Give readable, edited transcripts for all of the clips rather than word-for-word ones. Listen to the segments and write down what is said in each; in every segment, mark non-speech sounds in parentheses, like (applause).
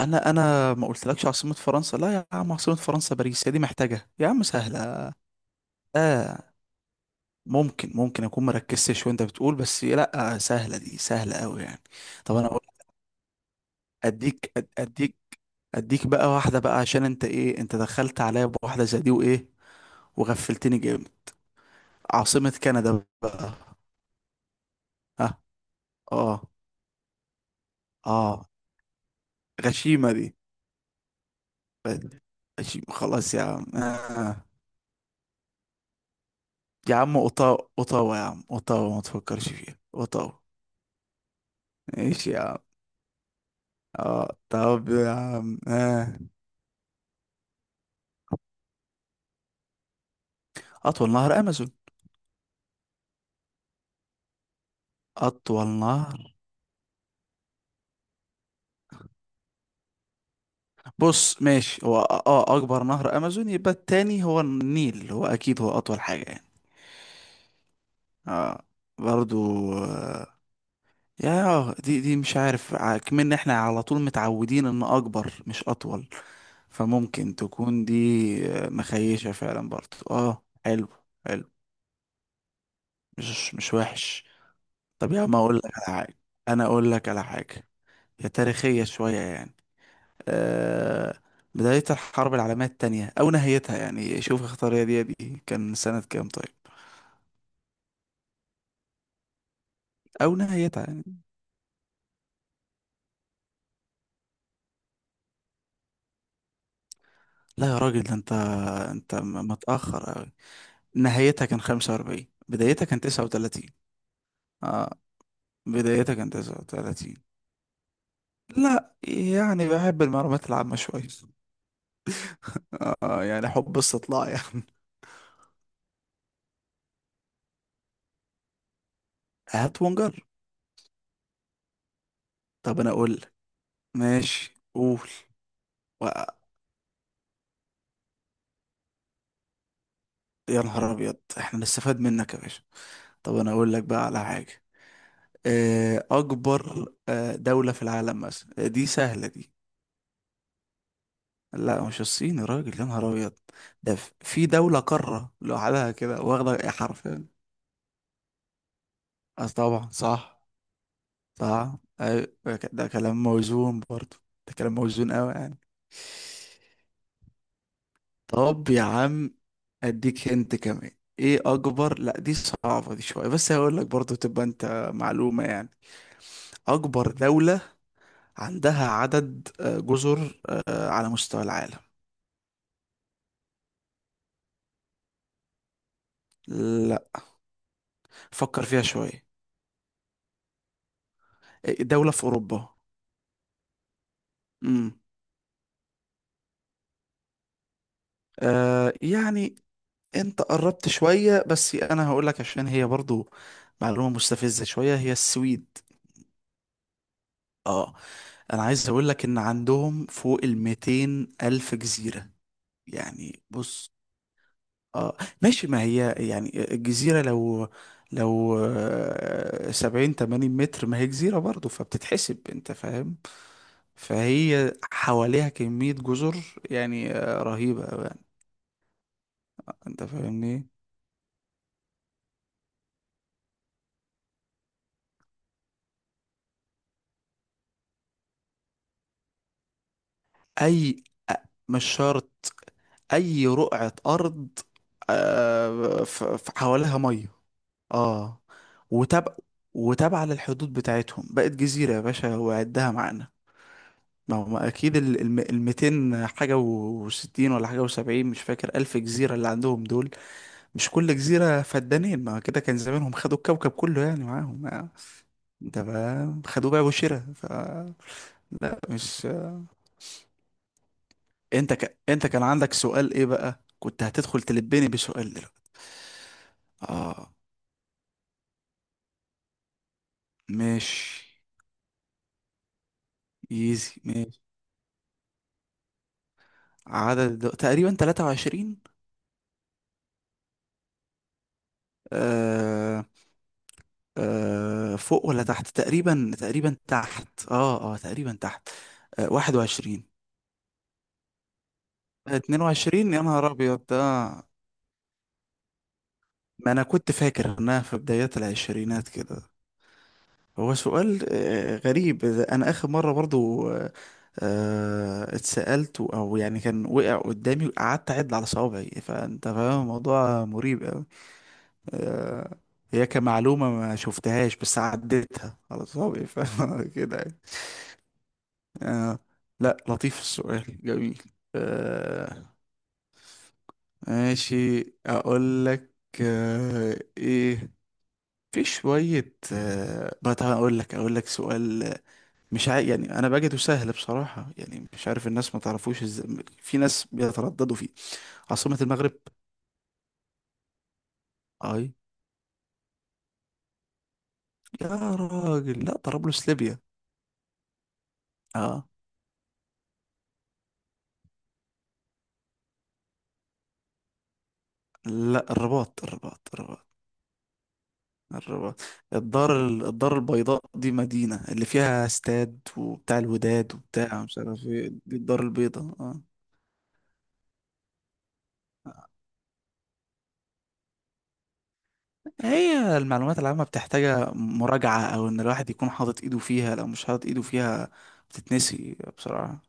انا ما قلتلكش عاصمة فرنسا، لا يا عم. عاصمة فرنسا باريس، هي دي محتاجة يا عم؟ سهلة. اه، ممكن اكون مركزتش وانت بتقول، بس لا سهلة دي، سهلة قوي يعني. طب انا اقول. اديك أد- اديك اديك بقى واحدة بقى، عشان انت ايه، انت دخلت عليا بواحدة زي دي وايه، وغفلتني جامد. عاصمة كندا بقى. ها. اه، اه. غشيمة دي، غشيمة خلاص يا عم آه. يا عم اوتاوا، اوتاوا يا عم، اوتاوا، ما تفكرش فيها اوتاوا. ماشي يا عم. اه طب يا عم آه. اطول نهر امازون، اطول نهر. بص ماشي، هو اكبر نهر امازون، يبقى التاني هو النيل، هو اكيد هو اطول حاجة يعني. اه، برضو آه. يا دي دي، مش عارف، كمان احنا على طول متعودين ان اكبر مش اطول، فممكن تكون دي. آه، مخيشة فعلا برضو. اه حلو، حلو. مش وحش. طب يا عم اقول لك على حاجة، انا اقول لك على حاجة. هي تاريخية شوية يعني. آه، بداية الحرب العالمية التانية أو نهايتها؟ يعني شوف اختار، يا دي يا دي، كان سنة كام طيب؟ أو نهايتها يعني. لا يا راجل، ده أنت متأخر أوي. نهايتها كان خمسة وأربعين، بدايتها كان تسعة وتلاتين. آه. بدايتها كان تسعة وتلاتين. لا يعني بحب المعلومات العامة شوية. آه يعني حب استطلاع (laughs) يعني. هات ونجر. طب أنا أقول لك. ماشي قول. و- يا نهار أبيض، إحنا نستفاد منك يا باشا؟ طب أنا أقول لك بقى على حاجة. اكبر دولة في العالم مثلا، دي سهلة دي. لا مش الصين يا راجل، يا نهار ابيض. ده في دولة قارة لوحدها كده، واخدة إيه، حرفيا. اه طبعا، صح، صح، أيوة، ده كلام موزون برضه. ده كلام موزون قوي يعني. طب يا عم، اديك هنت كمان. ايه اكبر، لا دي صعبة دي شوية، بس هقول لك برضه تبقى انت معلومة يعني. اكبر دولة عندها عدد جزر على مستوى العالم. لا فكر فيها شوية. آه، دولة في أوروبا. امم. آه يعني. أنت قربت شوية، بس أنا هقول لك عشان هي برضو معلومة مستفزة شوية، هي السويد. اه. أنا عايز أقول لك إن عندهم فوق الميتين ألف جزيرة. يعني بص، اه ماشي، ما هي يعني الجزيرة، لو سبعين تمانين متر، ما هي جزيرة برضو، فبتتحسب، انت فاهم. فهي حواليها كمية جزر يعني، آه، رهيبة أوي يعني، انت فاهمني. اي، أ- مش شرط، اي رقعة ارض حواليها مية. اه. وتابع وتابعة للحدود بتاعتهم، بقت جزيرة يا باشا وعدها معانا. ما هو اكيد 200 حاجه و60 ولا حاجه و70، مش فاكر، الف جزيره اللي عندهم دول. مش كل جزيره فدانين، ما كده كان زمانهم خدوا الكوكب كله يعني معاهم ده بقى خدوه بقى وشرا ف. لا مش. انت كان عندك سؤال ايه بقى، كنت هتدخل تلبني بسؤال دلوقتي؟ اه ماشي. ايزي ماشي. تقريبا 23. آه... فوق ولا تحت؟ تقريبا تحت، اه اه تقريبا تحت. آه، 21، 22 يا نهار أبيض ده. ما أنا كنت فاكر إنها في بدايات العشرينات كده. هو سؤال غريب، أنا آخر مرة برضو اتسألت، أو يعني كان وقع قدامي، قعدت أعد على صوابعي، فأنت فاهم الموضوع مريب أوي. آه، هي كمعلومة ما شفتهاش، بس عديتها على صوابعي، فاهم (laughs) كده يعني. آه، لا لطيف، السؤال جميل. آه، ماشي اقول لك. ايه، في شوية بقى، تعالى اقول لك سؤال. مش عارف يعني، انا بجده سهل بصراحة يعني، مش عارف الناس ما تعرفوش ازاي، في ناس بيترددوا فيه. عاصمة المغرب. اي. يا راجل لا، طرابلس ليبيا. اه. لا الرباط، الرباط، الرباط، الرباط. الدار البيضاء دي مدينة اللي فيها استاد وبتاع الوداد، وبتاع مش عارف ايه، دي الدار البيضاء، اه. هي المعلومات العامة بتحتاجها مراجعة، أو إن الواحد يكون حاطط إيده فيها، لو مش حاطط إيده فيها بتتنسي بسرعة.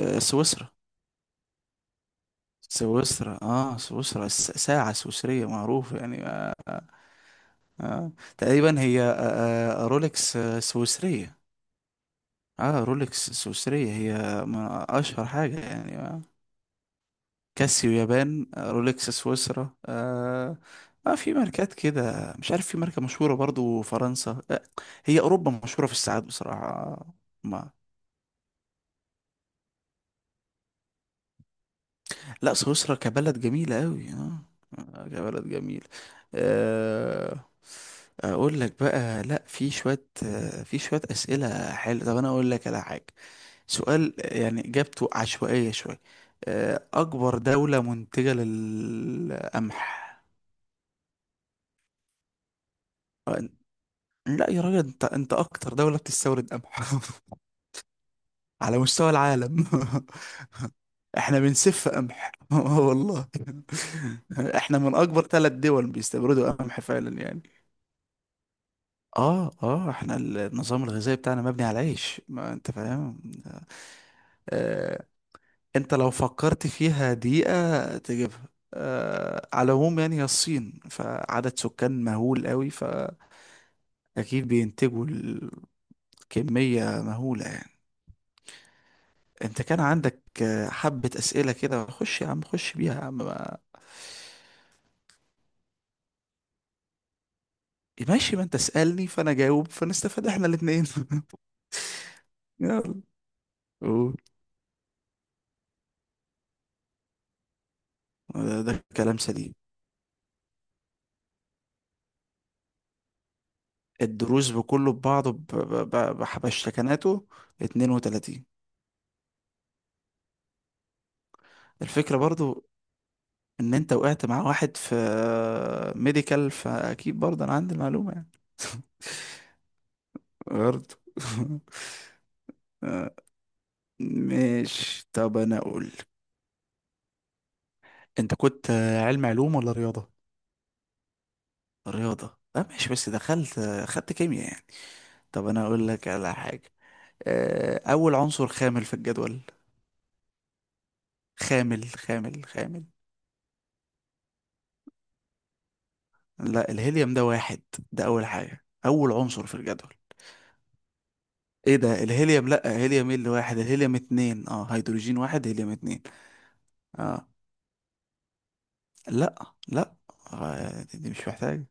آه، سويسرا. سويسرا، اه سويسرا، ساعة سويسرية معروفة يعني آه. تقريبا هي رولكس سويسرية. اه، رولكس سويسرية، هي من أشهر حاجة يعني. كاسيو يابان، رولكس سويسرا. في ماركات كده مش عارف، في ماركة مشهورة برضو فرنسا آه. هي أوروبا مشهورة في الساعات بصراحة آه، ما. لا سويسرا كبلد جميلة أوي آه. كبلد جميل آه. أقول لك بقى، لا في شوية في شوية أسئلة حلوة. طب أنا أقول لك على حاجة، سؤال يعني إجابته عشوائية شوية. أكبر دولة منتجة للقمح. لا يا راجل، انت اكتر دولة بتستورد قمح (laughs) على مستوى العالم. (laughs) احنا بنسف قمح (laughs) والله. (laughs) احنا من اكبر ثلاث دول بيستوردوا قمح فعلا يعني. اه اه، احنا النظام الغذائي بتاعنا مبني على العيش، ما انت فاهم. آه. انت لو فكرت فيها دقيقة تجيبها. آه على العموم، يعني هي الصين فعدد سكان مهول قوي، فاكيد بينتجوا، الكمية مهولة يعني. انت كان عندك حبة أسئلة كده، خش يا عم، خش بيها يا عم ماشي، ما انت اسألني فانا جاوب، فنستفاد احنا الاتنين (laughs) يلا قول. ده كلام سليم. الدروز بكله ببعضه بحبشتكناته. 32. الفكرة برضو ان انت وقعت مع واحد في ميديكال، فاكيد برضه انا عندي المعلومة يعني. (laughs) برضه (laughs) آه، ماشي طب انا اقول. انت كنت علوم ولا رياضة؟ رياضة، لا ماشي، بس دخلت خدت كيمياء يعني. طب انا اقول لك على حاجة، آه، اول عنصر خامل في الجدول. خامل، خامل، خامل. لا الهيليوم ده واحد، ده اول حاجة، اول عنصر في الجدول، ايه ده. الهيليوم لا، هيليوم ايه اللي واحد، الهيليوم اتنين، اه هيدروجين واحد، هيليوم اتنين. اه. لا، لا، آه، دي مش محتاج.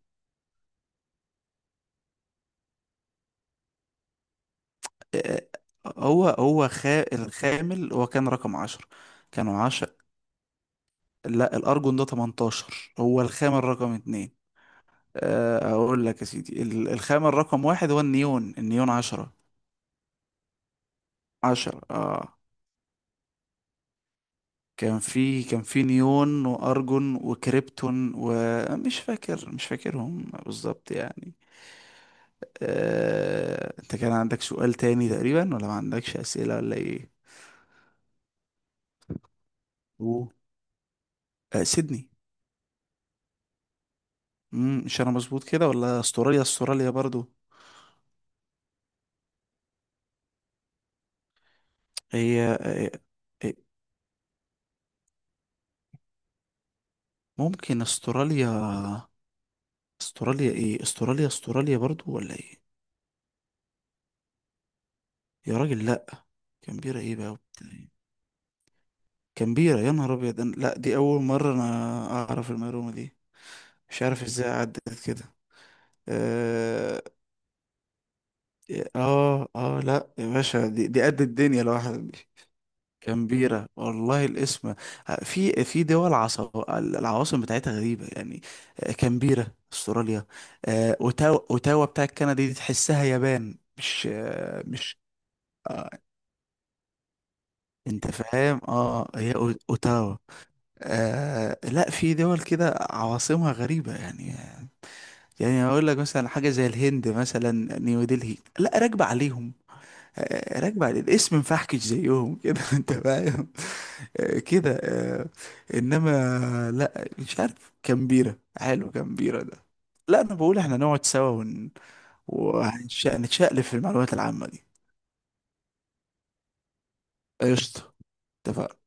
آه، الخامل هو كان رقم عشرة. كانوا عشرة. لا الأرجون ده 18، هو الخامل رقم اتنين. آه، اقول لك يا سيدي، الخامة الرقم واحد هو النيون، النيون عشرة. عشرة اه. كان في نيون وارجون وكريبتون، ومش فاكر، مش فاكرهم بالظبط يعني. آه، انت كان عندك سؤال تاني تقريبا ولا ما عندكش اسئلة ولا ايه؟ أوه. آه، سيدني. مم، مش انا مظبوط كده، ولا استراليا، استراليا برضو؟ هي آه، ممكن استراليا. استراليا ايه، استراليا استراليا برضو ولا ايه؟ يا راجل لا. كامبيرا ايه بقى وبتاع. كان بيرة يا نهار أبيض. لا دي أول مرة أنا أعرف المعلومة دي، مش عارف إزاي عدت كده. آه لا يا باشا، دي قد الدنيا لوحدها دي. كان بيرة، والله الاسم آه. في دول، العواصم بتاعتها غريبة يعني. آه، كامبيرا استراليا. آه، اوتاوا، اوتاوا بتاع كندا، دي تحسها يابان مش مش، آه، انت فاهم. اه هي اوتاوا. آه لا في دول كده عواصمها غريبة يعني. يعني هقول لك مثلا حاجة زي الهند، مثلا نيودلهي، لا راكبة عليهم، آه، راكبة على الاسم، مفحكش زيهم كده (laughs) انت فاهم. آه، كده آه، انما، لا مش عارف، كامبيرا حلو، كامبيرا ده. لا انا بقول احنا نقعد سوا ون... وهنتشقلب في المعلومات العامة دي. قشطة. اتفقنا.